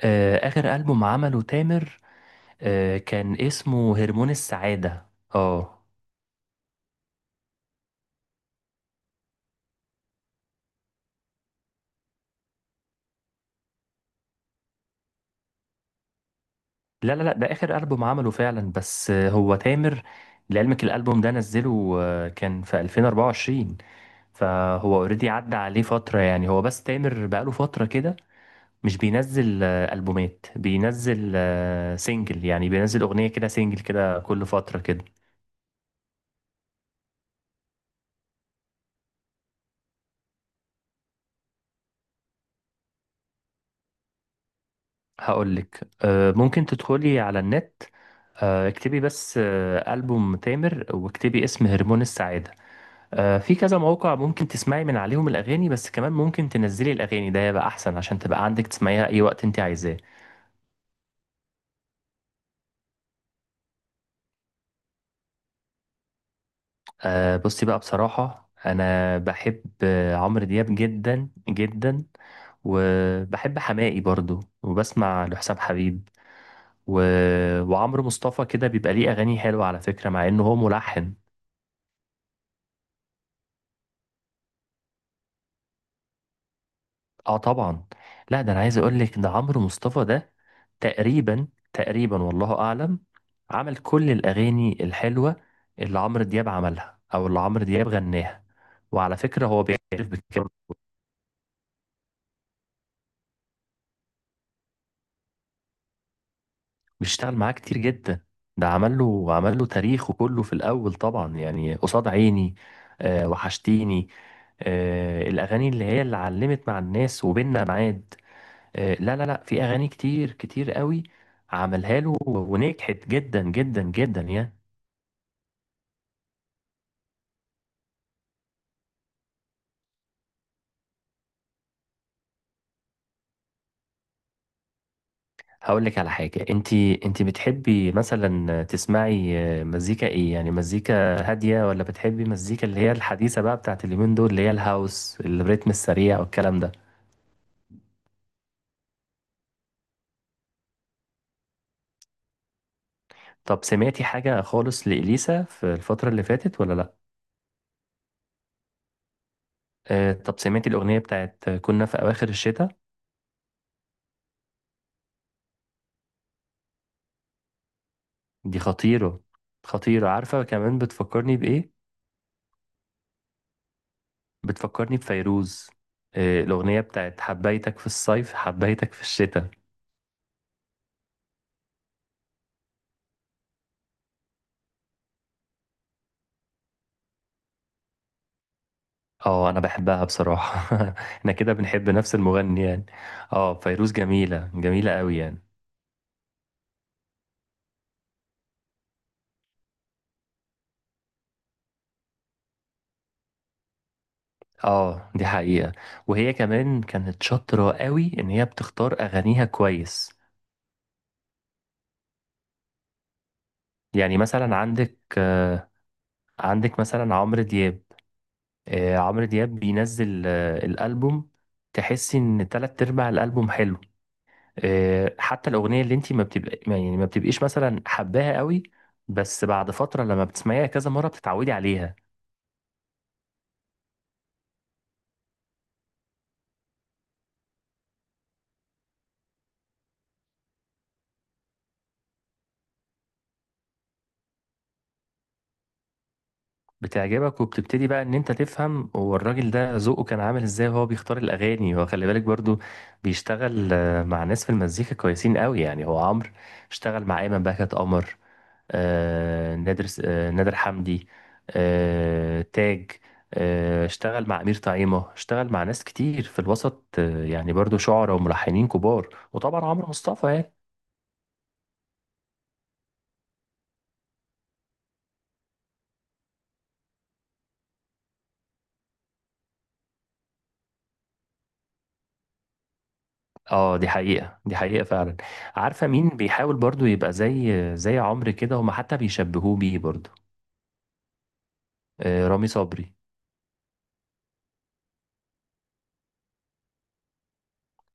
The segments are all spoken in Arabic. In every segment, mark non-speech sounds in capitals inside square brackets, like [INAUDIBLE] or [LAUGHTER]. آخر ألبوم عمله تامر. كان اسمه هرمون السعادة. اه، لا لا لا ده آخر ألبوم عمله فعلا، بس هو تامر لعلمك. الألبوم ده نزله، كان في 2024، فهو اوريدي عدى عليه فترة، يعني هو بس تامر بقاله فترة كده مش بينزل ألبومات، بينزل سينجل، يعني بينزل أغنية كده سينجل كده كل فترة كده. هقولك، ممكن تدخلي على النت. اكتبي بس ألبوم تامر، واكتبي اسم هرمون السعادة. في كذا موقع ممكن تسمعي من عليهم الأغاني، بس كمان ممكن تنزلي الأغاني ده يبقى أحسن، عشان تبقى عندك تسمعيها أي وقت أنت عايزاه. بصي بقى، بصراحة أنا بحب عمرو دياب جدا جدا، وبحب حماقي برضو، وبسمع لحسام حبيب، و... وعمرو مصطفى، كده بيبقى ليه أغاني حلوة على فكرة مع إنه هو ملحن. اه طبعا. لا، ده انا عايز اقول لك، ده عمرو مصطفى ده تقريبا تقريبا والله اعلم عمل كل الاغاني الحلوه اللي عمرو دياب عملها، او اللي عمرو دياب غناها. وعلى فكره هو بيعرف بكده. بيشتغل معاه كتير جدا. ده عمل له عمل له تاريخه كله في الاول طبعا، يعني قصاد عيني. آه وحشتيني، آه الاغاني اللي هي اللي علمت مع الناس، وبيننا معاد. لا لا لا، في اغاني كتير كتير قوي عملها له ونجحت جدا جدا جدا يعني. هقول لك على حاجه، انت انت بتحبي مثلا تسمعي مزيكا ايه؟ يعني مزيكا هاديه، ولا بتحبي مزيكا اللي هي الحديثه بقى بتاعت اليومين دول، اللي هي الهاوس، الريتم السريع والكلام ده؟ طب سمعتي حاجه خالص لإليسا في الفتره اللي فاتت ولا لا؟ طب سمعتي الاغنيه بتاعت كنا في اواخر الشتاء؟ دي خطيره. خطيره، عارفه كمان بتفكرني بايه؟ بتفكرني بفيروز، الأغنية بتاعت حبيتك في الصيف حبيتك في الشتاء. اه أنا بحبها بصراحة. [LAUGHS] احنا كده بنحب نفس المغني يعني. اه، فيروز جميلة جميلة قوي يعني. اه، دي حقيقة. وهي كمان كانت شاطرة قوي إن هي بتختار أغانيها كويس. يعني مثلا عندك مثلا عمرو دياب. عمرو دياب بينزل الألبوم، تحسي إن تلات أرباع الألبوم حلو. حتى الاغنيه اللي انت ما بتبقى ما- يعني ما بتبقيش مثلا حباها قوي، بس بعد فتره لما بتسمعيها كذا مره بتتعودي عليها. بتعجبك، وبتبتدي بقى ان انت تفهم هو الراجل ده ذوقه كان عامل ازاي وهو بيختار الاغاني. هو خلي بالك برضو بيشتغل مع ناس في المزيكا كويسين قوي يعني. هو عمرو اشتغل مع ايمن بهجت قمر، نادر حمدي، تاج، اشتغل مع أمير طعيمة، اشتغل مع ناس كتير في الوسط، يعني برضو شعراء وملحنين كبار، وطبعا عمرو مصطفى يعني. اه دي حقيقة، دي حقيقة فعلا. عارفة مين بيحاول برضو يبقى زي زي عمرو كده، هما حتى بيشبهوه بيه برضو؟ رامي صبري.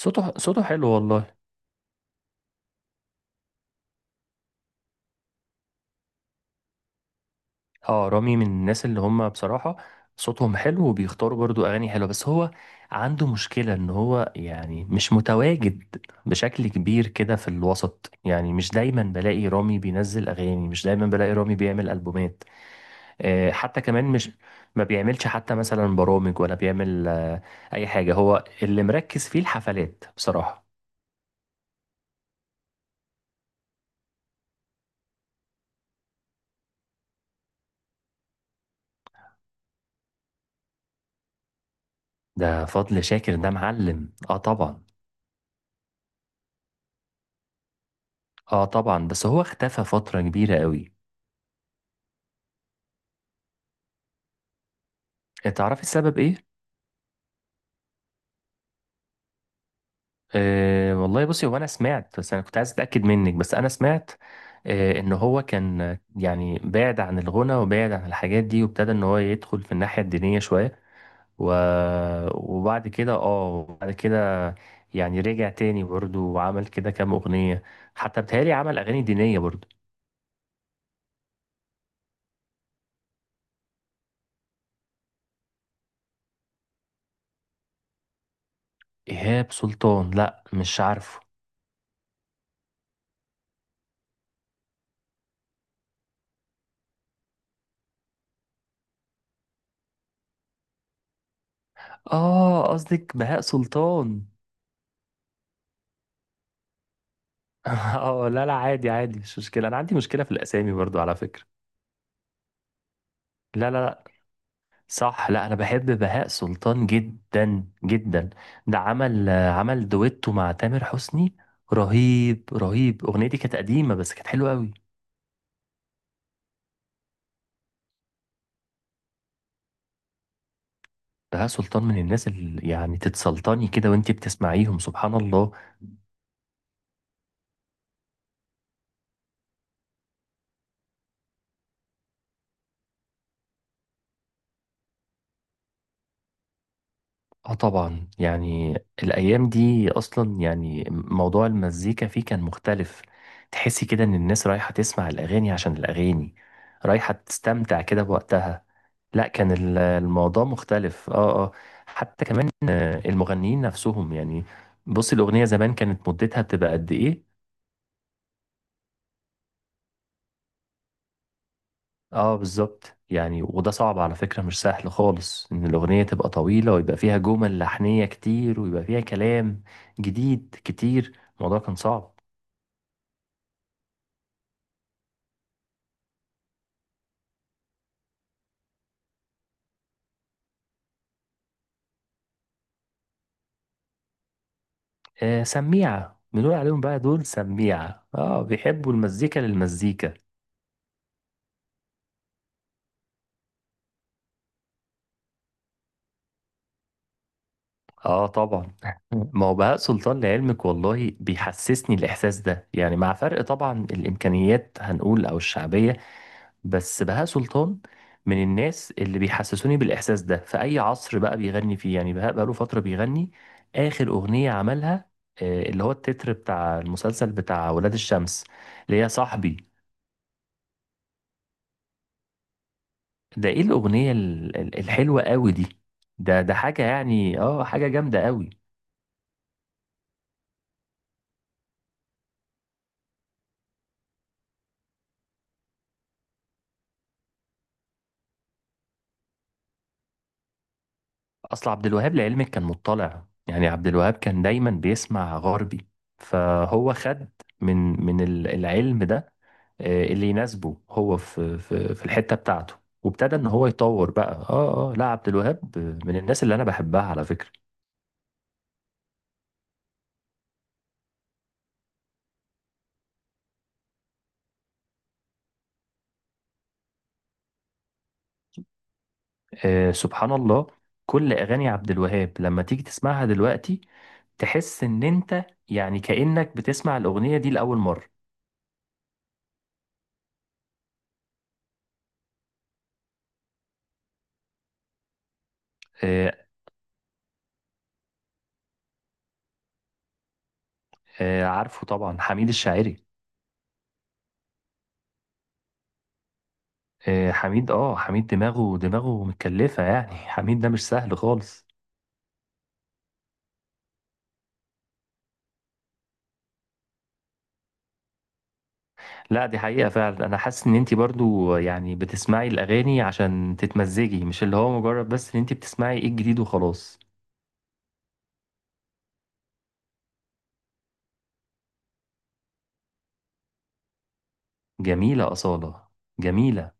صوته حلو والله. اه، رامي من الناس اللي هم بصراحة صوتهم حلو، وبيختاروا برضو أغاني حلوة. بس هو عنده مشكلة إن هو يعني مش متواجد بشكل كبير كده في الوسط، يعني مش دايما بلاقي رامي بينزل أغاني، مش دايما بلاقي رامي بيعمل ألبومات. حتى كمان مش ما بيعملش حتى مثلا برامج، ولا بيعمل أي حاجة. هو اللي مركز فيه الحفلات بصراحة. ده فضل شاكر ده معلم، اه طبعا بس هو اختفى فترة كبيرة قوي. تعرفي السبب ايه؟ أه والله، بصي هو انا سمعت، بس انا كنت عايز اتاكد منك. بس انا سمعت ان هو كان، يعني بعد عن الغنى وبعد عن الحاجات دي، وابتدى ان هو يدخل في الناحيه الدينيه شويه، و... وبعد كده اه بعد كده يعني رجع تاني برضه وعمل كده كام اغنيه، حتى بتهيألي عمل اغاني دينيه برضه. ايهاب سلطان؟ لا مش عارفه. اه، قصدك بهاء سلطان. [LAUGHS] اه، لا لا، عادي عادي مش مشكله، انا عندي مشكله في الاسامي برضه على فكره. لا لا، صح. لا، انا بحب بهاء سلطان جدا جدا. ده عمل عمل دويتو مع تامر حسني، رهيب رهيب. اغنيه دي كانت قديمه بس كانت حلوه قوي. بهاء سلطان من الناس اللي يعني تتسلطني كده وانتي بتسمعيهم، سبحان الله. اه طبعا يعني، الايام دي اصلا يعني موضوع المزيكا فيه كان مختلف. تحسي كده ان الناس رايحه تسمع الاغاني عشان الاغاني، رايحه تستمتع كده بوقتها. لا، كان الموضوع مختلف. اه اه. حتى كمان المغنيين نفسهم، يعني بصي الاغنيه زمان كانت مدتها بتبقى قد ايه؟ اه بالظبط يعني، وده صعب على فكرة مش سهل خالص ان الاغنية تبقى طويلة ويبقى فيها جمل لحنية كتير ويبقى فيها كلام جديد كتير. الموضوع كان صعب. آه سميعة، بنقول عليهم بقى دول سميعة، اه بيحبوا المزيكا للمزيكا. اه طبعا. [LAUGHS] ما هو بهاء سلطان لعلمك والله بيحسسني الاحساس ده يعني، مع فرق طبعا الامكانيات هنقول او الشعبية. بس بهاء سلطان من الناس اللي بيحسسوني بالإحساس ده في أي عصر بقى بيغني فيه. يعني بهاء بقاله فترة بيغني. آخر أغنية عملها، اللي هو التتر بتاع المسلسل بتاع ولاد الشمس، اللي هي صاحبي. ده إيه الأغنية الحلوة قوي دي؟ ده حاجة يعني، آه حاجة جامدة قوي. أصل عبد الوهاب لعلمك كان مطلع، يعني عبد الوهاب كان دايما بيسمع غربي، فهو خد من العلم ده، اللي يناسبه هو في الحته بتاعته، وابتدى ان هو يطور بقى. اه لا، عبد الوهاب من الناس اللي انا بحبها على فكره. آه سبحان الله، كل اغاني عبد الوهاب لما تيجي تسمعها دلوقتي تحس ان انت يعني كانك بتسمع الاغنيه دي لاول مره. آه عارفه طبعا، حميد الشاعري. حميد دماغه متكلفه يعني. [LAUGHS] حميد ده مش سهل خالص. لا، دي حقيقة فعلا. أنا حاسس إن أنت برضو يعني بتسمعي الأغاني عشان تتمزجي، مش اللي هو مجرد بس إن أنت بتسمعي إيه الجديد وخلاص. جميلة أصالة، جميلة.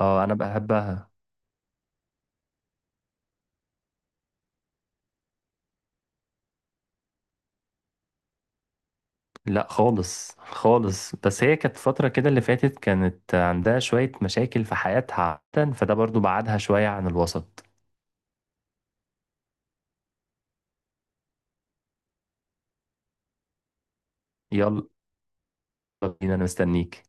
أه أنا بحبها. لا خالص خالص، بس هي كانت فترة كده اللي فاتت كانت عندها شوية مشاكل في حياتها عادة، فده برضو بعدها شوية عن الوسط. يلا بينا، أنا مستنيك.